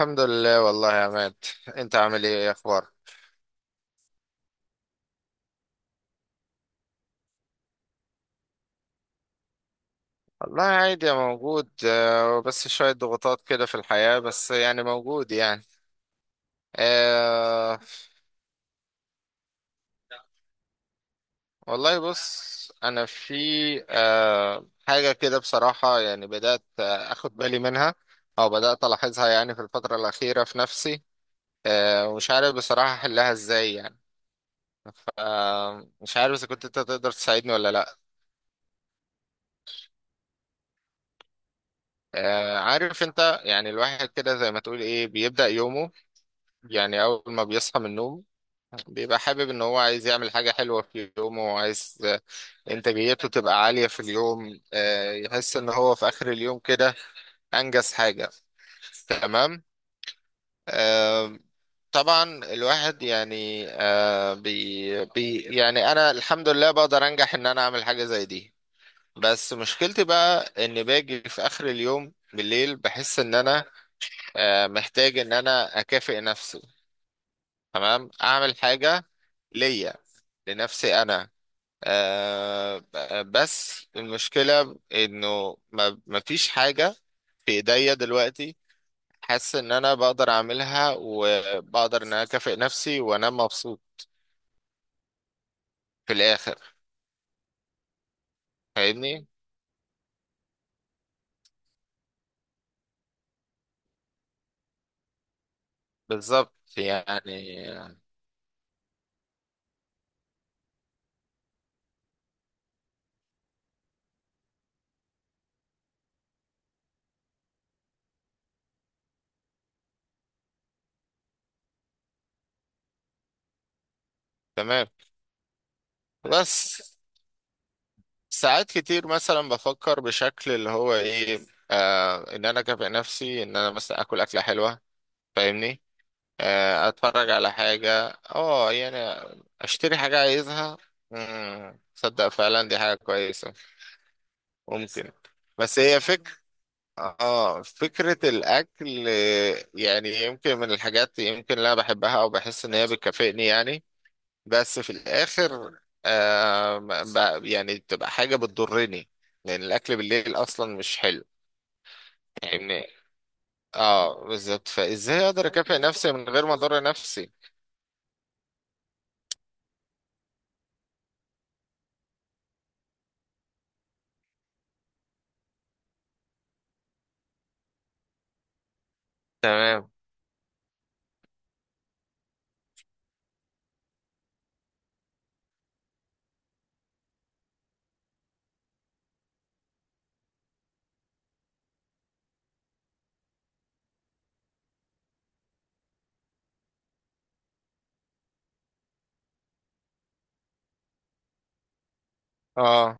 الحمد لله والله يا عماد. انت عامل ايه؟ ايه اخبارك؟ والله عادي يا موجود، بس شوية ضغوطات كده في الحياة، بس يعني موجود يعني. آه والله بص، انا في حاجة كده، بصراحة يعني بدأت اخد بالي منها، او بدأت الاحظها يعني في الفترة الأخيرة في نفسي. ومش عارف بصراحة احلها ازاي يعني. مش عارف اذا كنت انت تقدر تساعدني ولا لا. عارف انت، يعني الواحد كده زي ما تقول ايه بيبدأ يومه، يعني أول ما بيصحى من النوم بيبقى حابب إن هو عايز يعمل حاجة حلوة في يومه، وعايز إنتاجيته تبقى عالية في اليوم، يحس إن هو في آخر اليوم كده أنجز حاجة. تمام. آه، طبعا الواحد يعني بي بي يعني أنا الحمد لله بقدر أنجح إن أنا أعمل حاجة زي دي. بس مشكلتي بقى إن باجي في آخر اليوم بالليل بحس إن أنا محتاج إن أنا أكافئ نفسي. تمام، اعمل حاجة ليا، لنفسي انا. بس المشكلة انه ما فيش حاجة في ايديا دلوقتي، حاسس ان انا بقدر اعملها وبقدر ان انا اكافئ نفسي وانا مبسوط في الاخر، فاهمني؟ بالظبط يعني. تمام. بس ساعات كتير مثلا بفكر بشكل اللي هو ايه، ان انا اكافئ نفسي، ان انا مثلا اكل اكلة حلوة، فاهمني؟ اتفرج على حاجة. اه، يعني اشتري حاجة عايزها. تصدق فعلا دي حاجة كويسة، ممكن، بس هي فكرة. اه، فكرة الاكل، يعني يمكن من الحاجات، يمكن اللي انا بحبها او بحس ان هي بتكافئني يعني. بس في الاخر، آه ما- يعني بتبقى حاجة بتضرني، لان الاكل بالليل اصلا مش حلو يعني. اه، بالظبط. فازاي اقدر اكافئ نفسي من غير ما اضر نفسي؟ تمام. اه.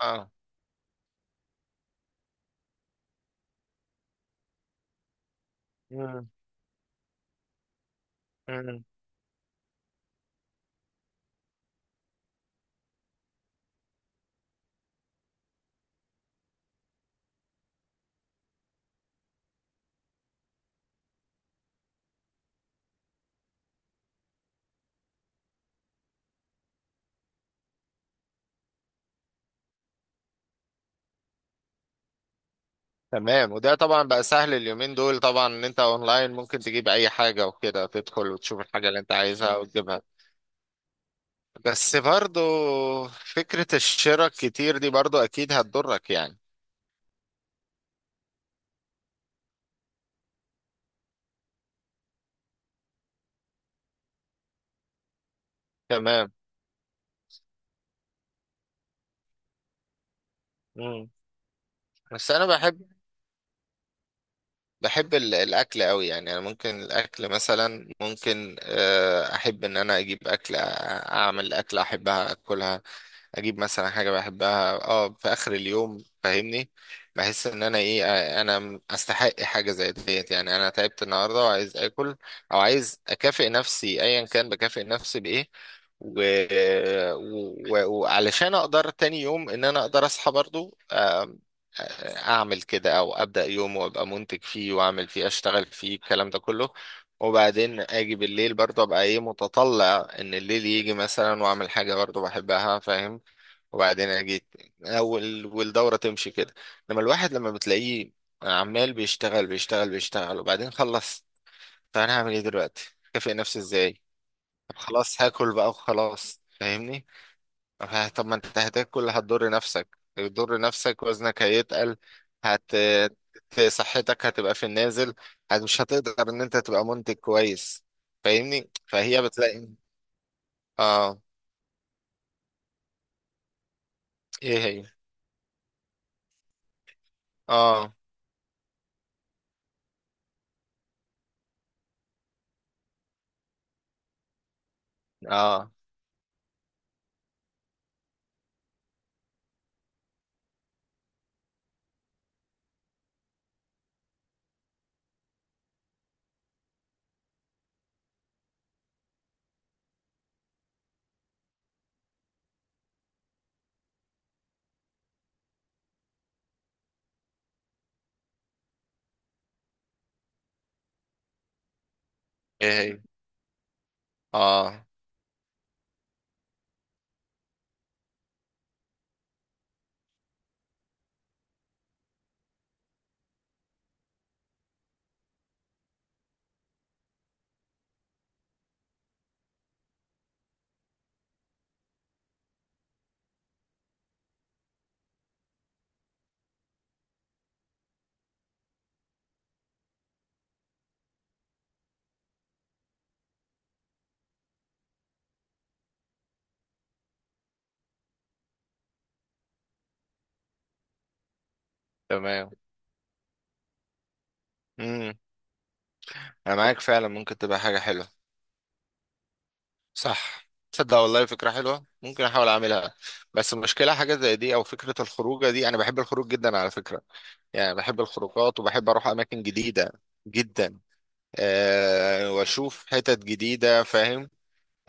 اه. مم. مم. تمام، وده طبعا بقى سهل اليومين دول، طبعا ان انت اونلاين ممكن تجيب اي حاجة، وكده تدخل وتشوف الحاجة اللي انت عايزها وتجيبها. بس برضو، فكرة الشراء كتير دي برضو اكيد هتضرك يعني. تمام. مم. بس انا بحب، الاكل قوي يعني، انا ممكن الاكل مثلا، ممكن احب ان انا اجيب اكل اعمل اكل احبها اكلها. اجيب مثلا حاجه بحبها في اخر اليوم، فاهمني؟ بحس ان انا ايه، انا استحق حاجه زي ديت، يعني انا تعبت النهارده وعايز اكل، او عايز اكافئ نفسي ايا كان بكافئ نفسي بايه. و... وعلشان اقدر تاني يوم ان انا اقدر اصحى برضو، اعمل كده، او ابدا يوم وابقى منتج فيه واعمل فيه اشتغل فيه الكلام ده كله، وبعدين اجي بالليل برضو ابقى ايه متطلع ان الليل يجي مثلا، واعمل حاجه برضو بحبها، فاهم؟ وبعدين أنا جيت أول، والدورة تمشي كده. لما الواحد لما بتلاقيه عمال بيشتغل بيشتغل بيشتغل، وبعدين خلص. طب أنا هعمل إيه دلوقتي؟ أكافئ نفسي إزاي؟ طب خلاص، هاكل بقى وخلاص، فاهمني؟ طب، ما أنت هتاكل، هتضر نفسك، هتضر نفسك، وزنك هيتقل، هت صحتك هتبقى في النازل، مش هتقدر إن أنت تبقى منتج كويس، فاهمني؟ فهي بتلاقي. آه. إيه هي؟ آه. آه. إيه هي؟ آه. تمام. امم. انا معاك فعلا، ممكن تبقى حاجه حلوه. صح، تصدق والله فكره حلوه، ممكن احاول اعملها. بس المشكله، حاجه زي دي او فكره الخروجه دي، انا بحب الخروج جدا على فكره، يعني بحب الخروجات وبحب اروح اماكن جديده جدا، واشوف حتت جديده فاهم.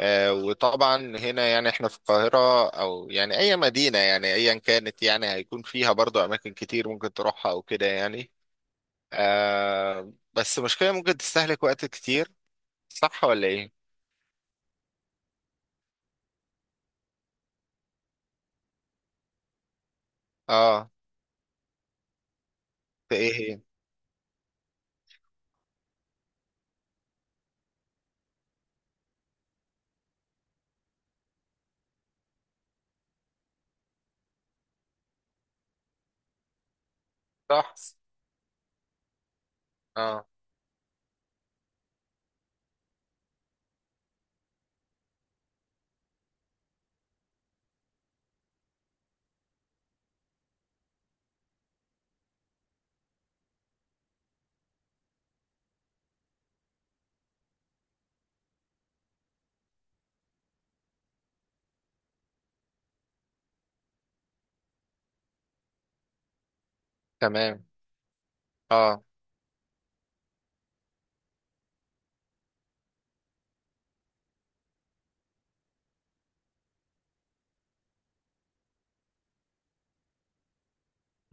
وطبعا هنا يعني احنا في القاهره، او يعني اي مدينه يعني ايا كانت، يعني هيكون فيها برضو اماكن كتير ممكن تروحها او كده يعني. بس المشكله ممكن تستهلك وقت كتير، صح ولا ايه؟ اه. في ايه هي؟ صح. اه. تمام. اه.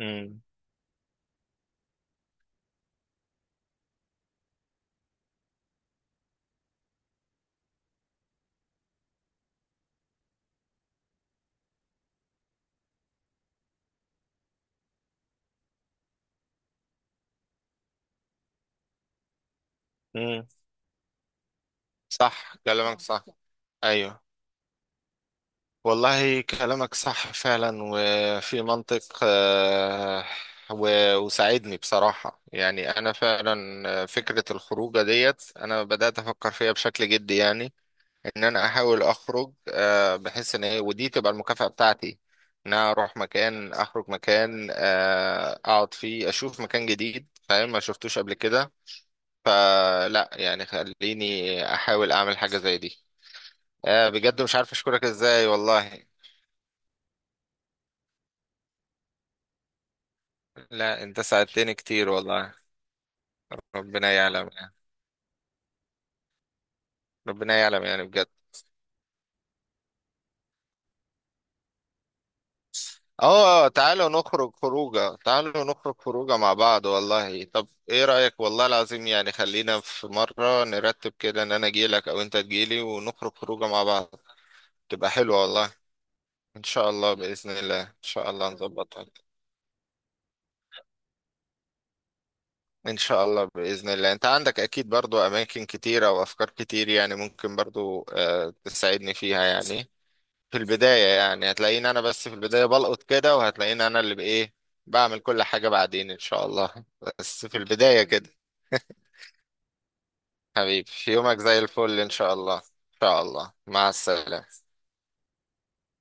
امم. امم. صح، كلامك صح. ايوه، والله كلامك صح فعلا وفي منطق. وساعدني بصراحة، يعني انا فعلا فكرة الخروجة ديت انا بدأت افكر فيها بشكل جدي يعني، ان انا احاول اخرج بحيث ان ودي تبقى المكافأة بتاعتي، ان انا اروح مكان، اخرج مكان اقعد فيه، اشوف مكان جديد فاهم ما شفتوش قبل كده. فلا يعني، خليني احاول اعمل حاجة زي دي. آه، بجد مش عارف اشكرك ازاي والله. لا، انت ساعدتني كتير والله. ربنا يعلم يعني، ربنا يعلم يعني، بجد. اه. تعالوا نخرج خروجه، تعالوا نخرج خروجه مع بعض والله. طب ايه رأيك؟ والله العظيم يعني خلينا في مرة نرتب كده، ان انا اجيلك او انت تجيلي، ونخرج خروجه مع بعض. تبقى حلوة والله. ان شاء الله، بإذن الله، ان شاء الله نظبطها. ان شاء الله، باذن الله. انت عندك اكيد برضو اماكن كتيره وافكار كتير، يعني ممكن برضو تساعدني فيها يعني. في البدايه يعني هتلاقيني انا بس في البدايه بلقط كده، وهتلاقيني انا اللي بايه بعمل كل حاجه بعدين ان شاء الله. بس في البدايه كده. حبيبي، في يومك زي الفل ان شاء الله، ان شاء الله مع السلامه.